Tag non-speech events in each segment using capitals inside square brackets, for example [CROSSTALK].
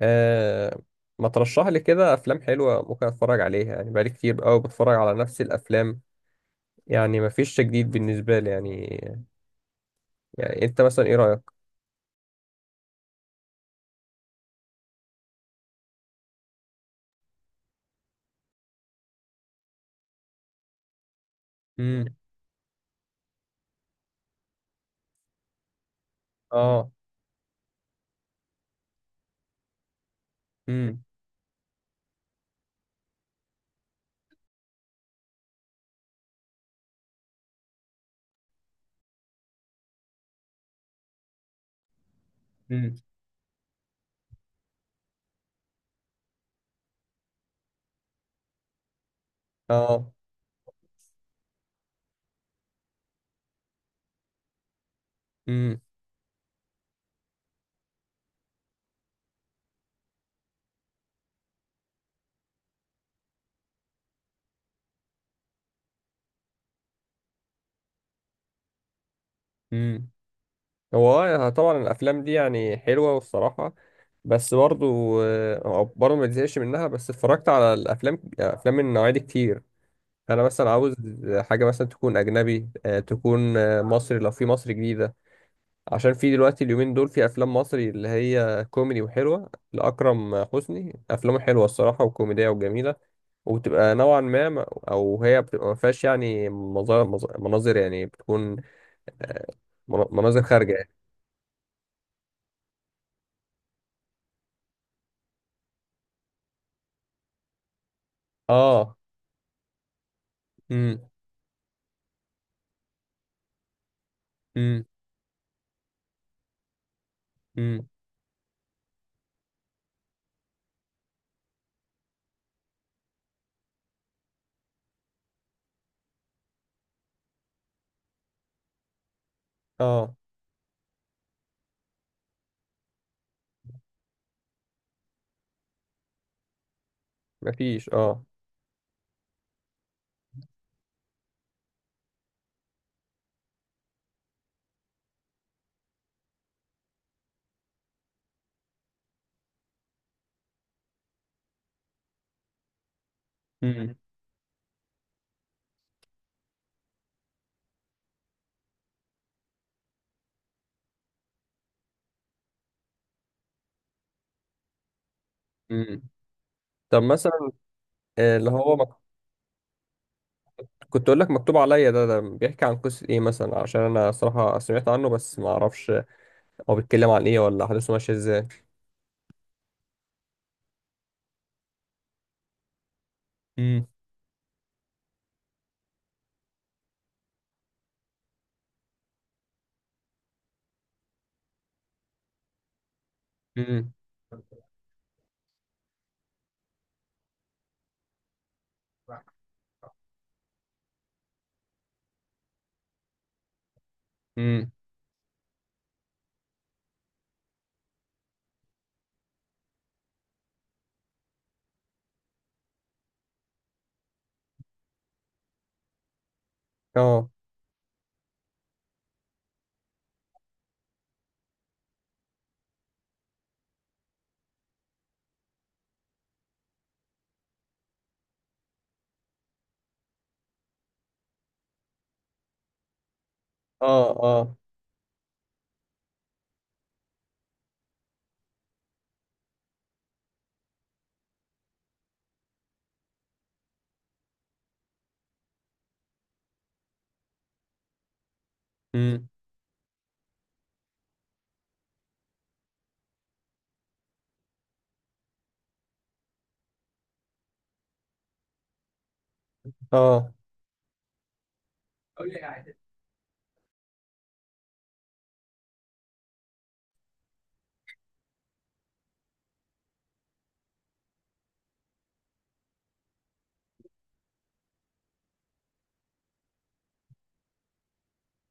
آه، ما ترشح لي كده افلام حلوه ممكن اتفرج عليها؟ يعني بقالي كتير قوي بتفرج على نفس الافلام. يعني ما فيش جديد بالنسبه لي يعني. يعني انت مثلا ايه رايك؟ امم. اه. امم. امم. اه. امم. امم. هو طبعا الافلام دي يعني حلوه والصراحه، بس برضو، برضو ما تزهقش منها، بس اتفرجت على الافلام، افلام من النوعيه دي كتير. انا مثلا عاوز حاجه مثلا تكون اجنبي، تكون مصري لو في مصر جديده. عشان في دلوقتي اليومين دول في افلام مصري اللي هي كوميدي وحلوه. لاكرم حسني افلامه حلوه الصراحه وكوميديه وجميله. وبتبقى نوعا ما او هي بتبقى ما فيهاش يعني مناظر، يعني بتكون، آه، مناظر خارجه يعني. اه. امم. امم. امم. اه. مفيش، اه. امم. امم. طب مثلا اللي هو كنت اقول لك مكتوب عليا. ده بيحكي عن قصه ايه مثلا؟ عشان انا صراحه سمعت عنه بس ما اعرفش هو بيتكلم عن ايه، ولا احداثه ماشيه ازاي. امم. امم. اه. اه. اه. امم. اه.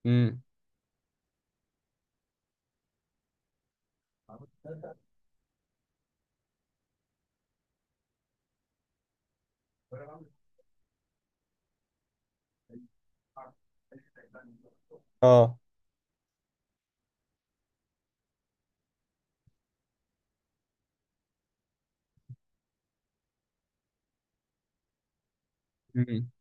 امم. اه. امم.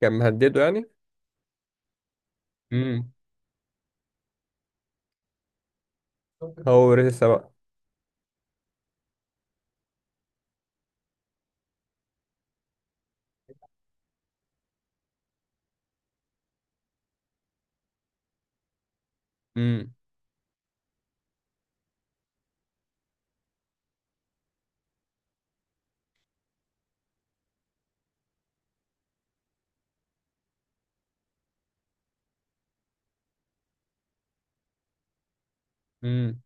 كان مهدده يعني. امم. هو ورثها بقى. امم. امم.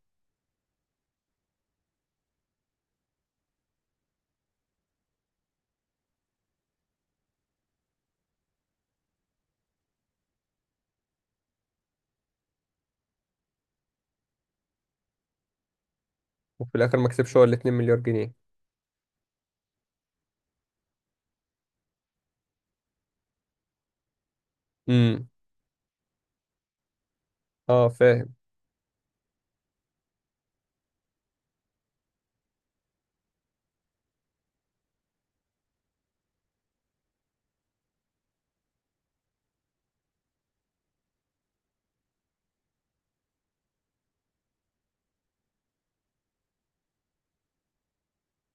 وفي الاخر ما كسبش هو ال 2 مليار جنيه؟ امم. اه، فاهم.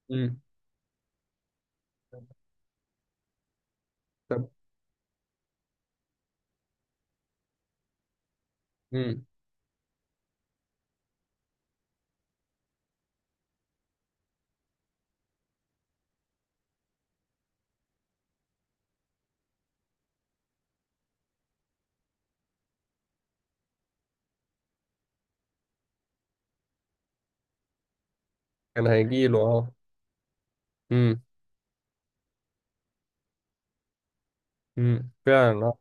امم. طب. امم. كان هيجيله، اه. امم. فعلا، اه.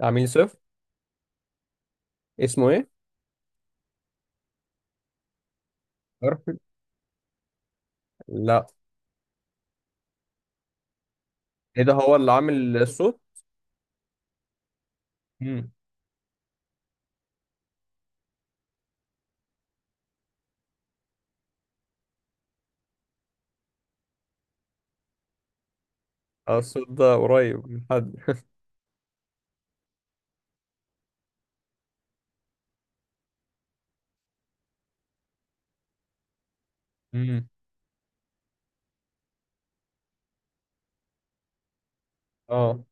عميل صفر. اسمه ايه؟ عارف. لا. ايه ده، هو اللي عامل الصوت؟ امم. اه، الصوت ده قريب من حد. امم. اه.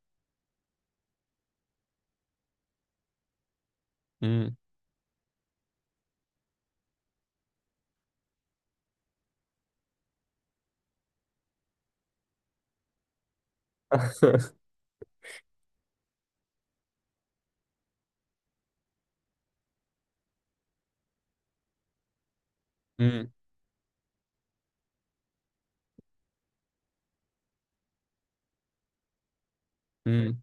امم. [LAUGHS] امم.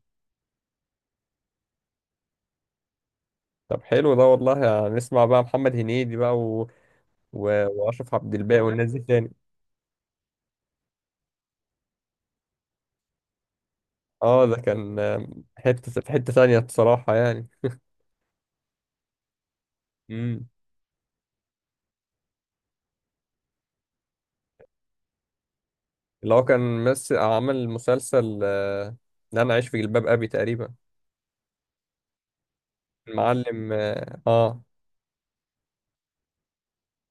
طب حلو ده والله، هنسمع بقى محمد هنيدي بقى، واشرف عبد الباقي والناس دي تاني. اه، ده كان حته في حته تانية بصراحه يعني. امم. اللي هو كان مس عمل مسلسل ده انا عايش في جلباب ابي تقريبا. المعلم، اه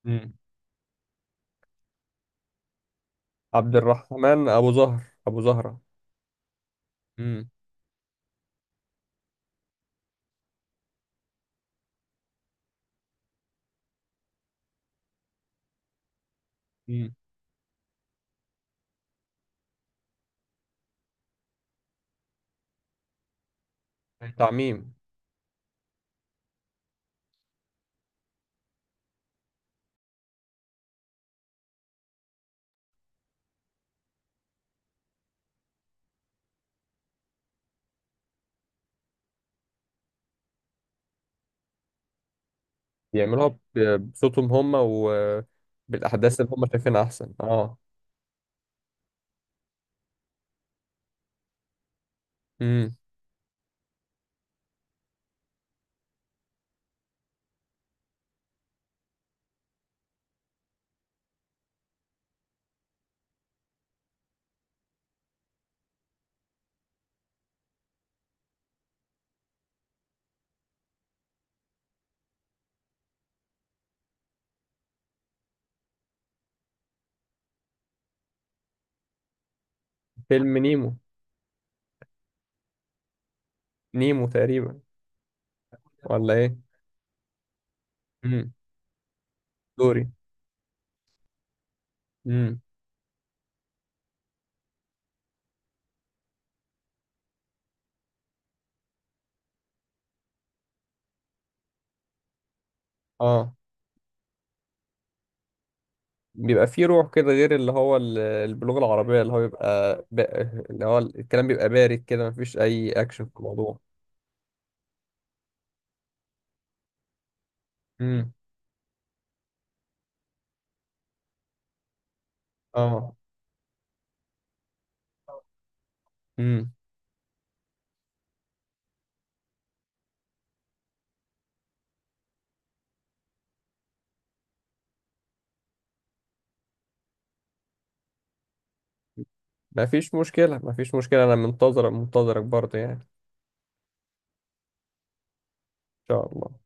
امم. عبد الرحمن ابو زهر، ابو زهره. امم. امم. تعميم. بيعملوها بصوتهم هم وبالاحداث اللي هم شايفينها احسن، اه. امم. فيلم نيمو. نيمو تقريبا، ولا ايه؟ امم. دوري. امم. اه، بيبقى فيه روح كده غير اللي هو البلوغ العربية اللي هو بيبقى. اللي هو الكلام بيبقى بارد كده، مفيش أي أكشن في الموضوع. امم. اه. امم. مفيش مشكلة، مفيش مشكلة. أنا منتظرك، منتظرك برضه، يعني إن شاء الله.